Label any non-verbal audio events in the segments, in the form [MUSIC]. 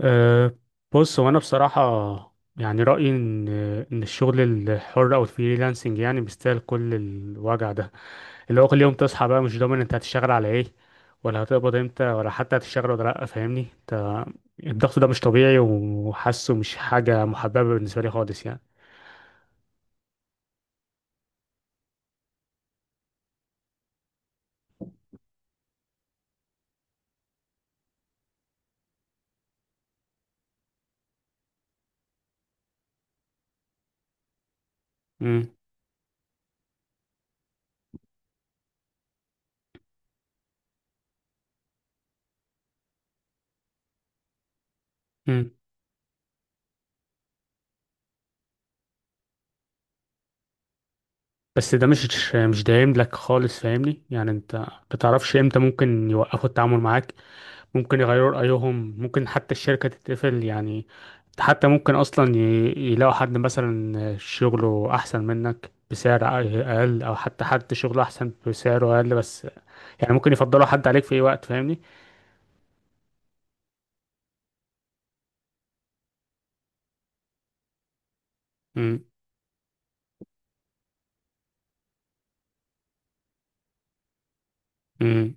أه. بص هو انا بصراحه، يعني رايي ان الشغل الحر او الفريلانسنج يعني بيستاهل كل الوجع ده، اللي هو كل يوم تصحى بقى مش ضامن انت هتشتغل على ايه، ولا هتقبض امتى، ولا حتى هتشتغل ولا لا، فاهمني انت؟ الضغط ده مش طبيعي، وحاسه مش حاجه محببه بالنسبه لي خالص يعني. امم. امم. بس ده مش دايم لك خالص، فاهمني؟ يعني انت بتعرفش امتى ممكن يوقفوا التعامل معاك، ممكن يغيروا رأيهم، ممكن حتى الشركة تتقفل يعني. حتى ممكن أصلا يلاقوا حد مثلا شغله أحسن منك بسعر أقل، أو حتى حد شغله أحسن بسعره أقل بس. يعني ممكن يفضلوا حد عليك في أي وقت، فاهمني؟ مم. مم.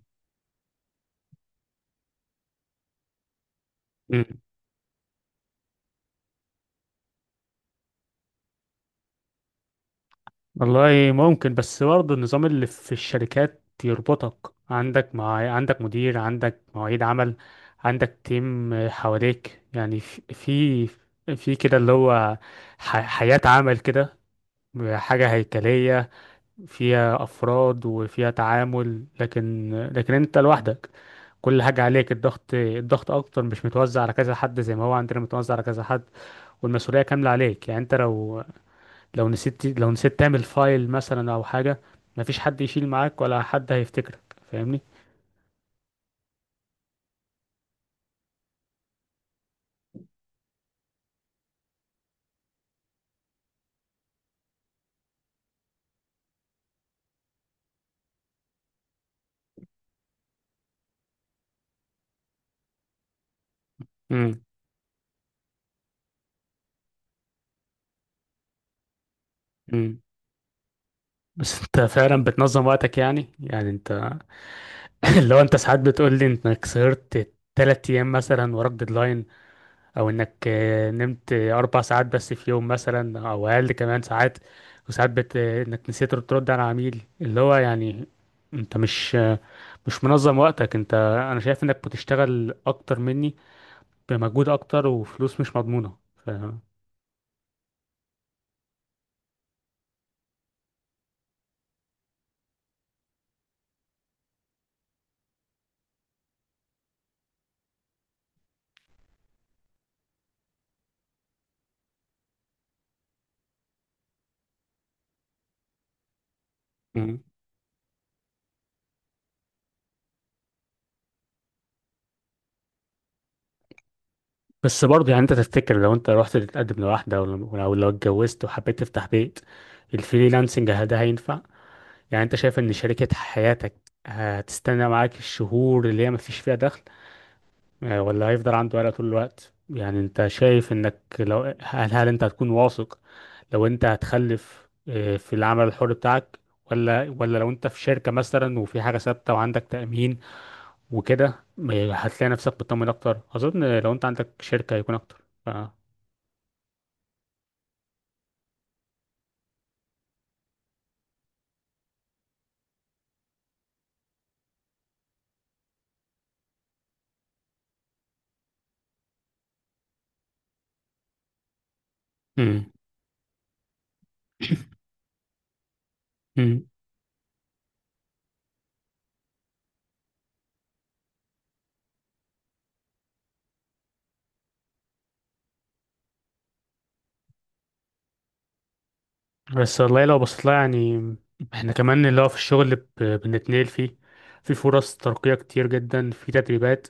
مم. والله ممكن، بس برضه النظام اللي في الشركات يربطك، عندك مع عندك مدير، عندك مواعيد عمل، عندك تيم حواليك، يعني في في كده اللي هو حياة عمل كده، حاجة هيكلية فيها أفراد وفيها تعامل، لكن أنت لوحدك، كل حاجة عليك. الضغط أكتر، مش متوزع على كذا حد زي ما هو عندنا متوزع على كذا حد، والمسؤولية كاملة عليك. يعني أنت لو نسيت تعمل فايل مثلا أو حاجة، مفيش حد يشيل معاك ولا حد هيفتكرك، فاهمني؟ امم. امم. بس أنت فعلا بتنظم وقتك يعني أنت [LAUGHS] لو أنت ساعات بتقول لي إنك سهرت 3 أيام مثلا وراك ديدلاين، او انك نمت 4 ساعات بس في يوم مثلا او اقل كمان ساعات، وساعات بت... آه، انك نسيت ترد على عميل، اللي هو يعني انت مش منظم وقتك انت. انا شايف انك بتشتغل اكتر مني، بمجهود اكتر وفلوس مش مضمونة. مم. بس برضه يعني انت تفتكر لو انت رحت تتقدم لواحدة، ولو لو لو اتجوزت وحبيت تفتح بيت، الفريلانسنج ده هينفع؟ يعني انت شايف ان شركة حياتك هتستنى معاك الشهور اللي هي مفيش فيها دخل؟ ولا هيفضل عنده قلق طول الوقت؟ يعني انت شايف انك لو هل انت هتكون واثق، لو انت هتخلف في العمل الحر بتاعك، ولا لو انت في شركة مثلا وفي حاجة ثابتة وعندك تأمين وكده، هتلاقي نفسك مطمن اكتر، اظن لو انت عندك شركة هيكون اكتر. مم. مم. بس والله لو بصيت لها يعني، احنا كمان اللي هو في الشغل بنتنقل فيه، في فرص ترقية كتير جدا، في تدريبات.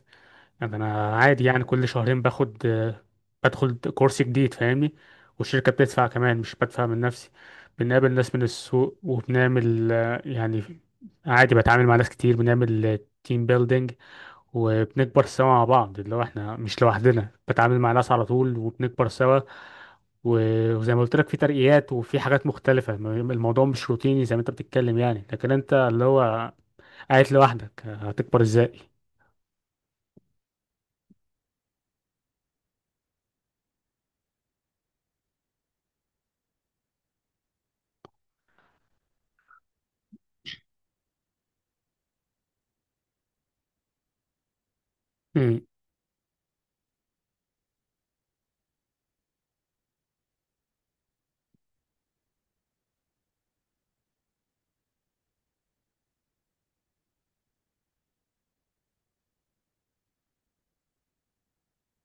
يعني انا عادي، يعني كل شهرين باخد بدخل كورس جديد، فاهمني؟ والشركة بتدفع كمان، مش بدفع من نفسي. بنقابل ناس من السوق، وبنعمل يعني عادي، بتعامل مع ناس كتير، بنعمل تيم بيلدينج، وبنكبر سوا مع بعض، اللي هو احنا مش لوحدنا، بتعامل مع ناس على طول وبنكبر سوا. وزي ما قلت لك، في ترقيات وفي حاجات مختلفة، الموضوع مش روتيني زي ما انت بتتكلم يعني، لكن انت اللي هو قاعد لوحدك هتكبر ازاي؟ مم.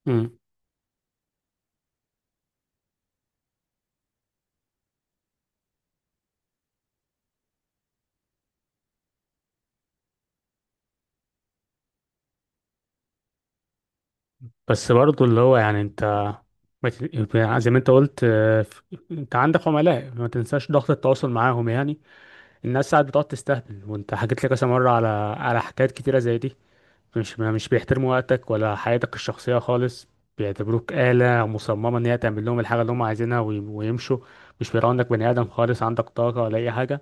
مم. بس برضه اللي هو يعني انت ما ت- زي ما انت قلت، انت عندك عملاء، ما تنساش ضغط التواصل معاهم يعني. الناس ساعات بتقعد تستهبل، وانت حكيت لي كذا مرة على حكايات كتيرة زي دي. مش، مش بيحترموا وقتك ولا حياتك الشخصية خالص، بيعتبروك آلة مصممة ان هي تعمل لهم الحاجة اللي هم عايزينها ويمشوا. مش بيراعوا انك بني آدم خالص، عندك طاقة ولا أي حاجة.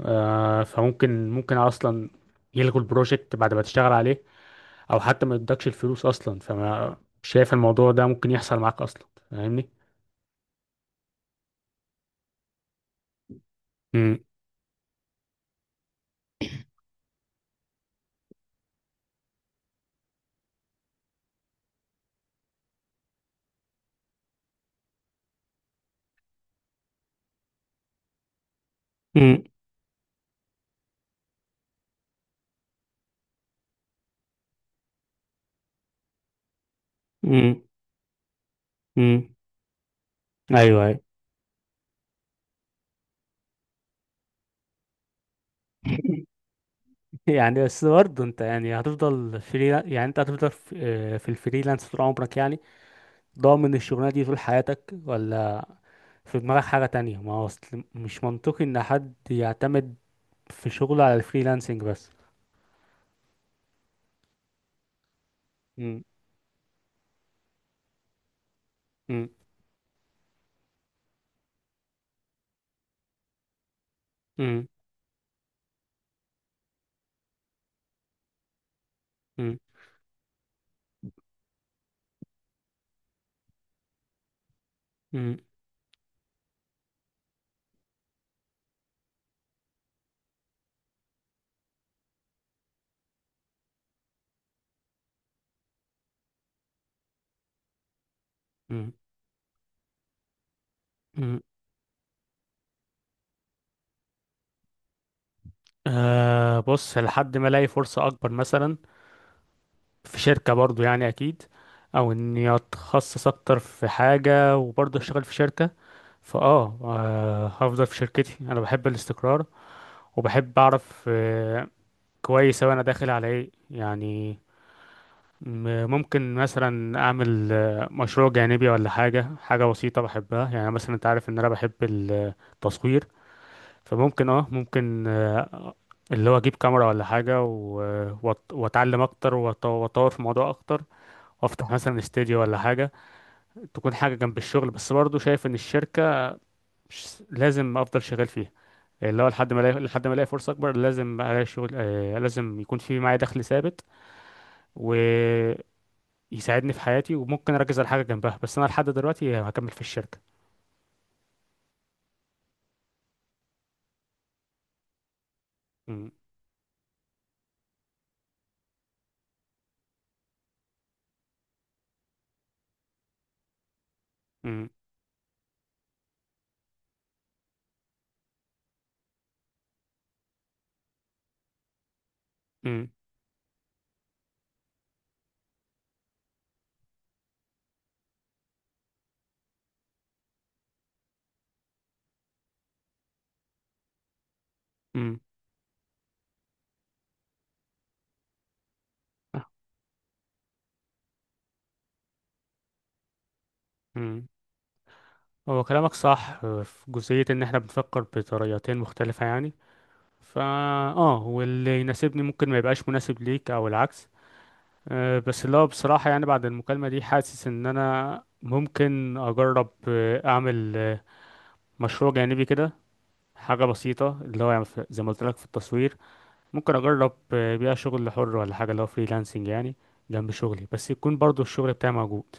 فممكن أصلا يلغوا البروجكت بعد ما تشتغل عليه، او حتى ما يدكش الفلوس اصلا، فما مش شايف الموضوع ده ممكن يحصل معاك اصلا، فاهمني؟ امم. امم. امم. امم. ايوه، ايوه. [LAUGHS] يعني بس برضه انت يعني هتفضل فري؟ يعني انت هتفضل في الفريلانس طول عمرك يعني؟ ضامن الشغلانه دي طول حياتك، ولا في دماغك حاجه تانية؟ ما هو أصل مش منطقي ان حد يعتمد في شغله على الفريلانسنج بس. امم. امم. امم. امم. امم. امم. امم. آه، بص لحد ما الاقي فرصه اكبر مثلا، في شركة برضو يعني أكيد، أو إني أتخصص أكتر في حاجة وبرضو أشتغل في شركة. فأه آه، هفضل في شركتي، أنا بحب الاستقرار، وبحب أعرف كويس أوي أنا داخل على إيه يعني. ممكن مثلا أعمل مشروع جانبي ولا حاجة، حاجة بسيطة بحبها، يعني مثلا أنت عارف إن أنا بحب التصوير. فممكن أه ممكن آه، اللي هو أجيب كاميرا ولا حاجة، وأتعلم أكتر، وأطور في الموضوع أكتر، افتح مثلا استوديو ولا حاجه، تكون حاجه جنب الشغل. بس برضه شايف ان الشركه مش لازم افضل شغال فيها، اللي هو لحد ما الاقي فرصه اكبر. لازم الاقي شغل، لازم يكون في معايا دخل ثابت ويساعدني في حياتي، وممكن اركز على حاجه جنبها. بس انا لحد دلوقتي هكمل في الشركه. مم. مم. مم. مم. مم. هو كلامك صح، في جزئيه ان احنا بنفكر بطريقتين مختلفه يعني، فا اه واللي يناسبني ممكن ما يبقاش مناسب ليك او العكس. بس اللي هو بصراحة يعني بعد المكالمة دي، حاسس إن أنا ممكن أجرب أعمل مشروع جانبي كده، حاجة بسيطة اللي هو يعني، زي ما قلت لك في التصوير. ممكن أجرب بيها شغل حر ولا حاجة، اللي هو فريلانسنج يعني، جنب شغلي، بس يكون برضو الشغل بتاعي موجود.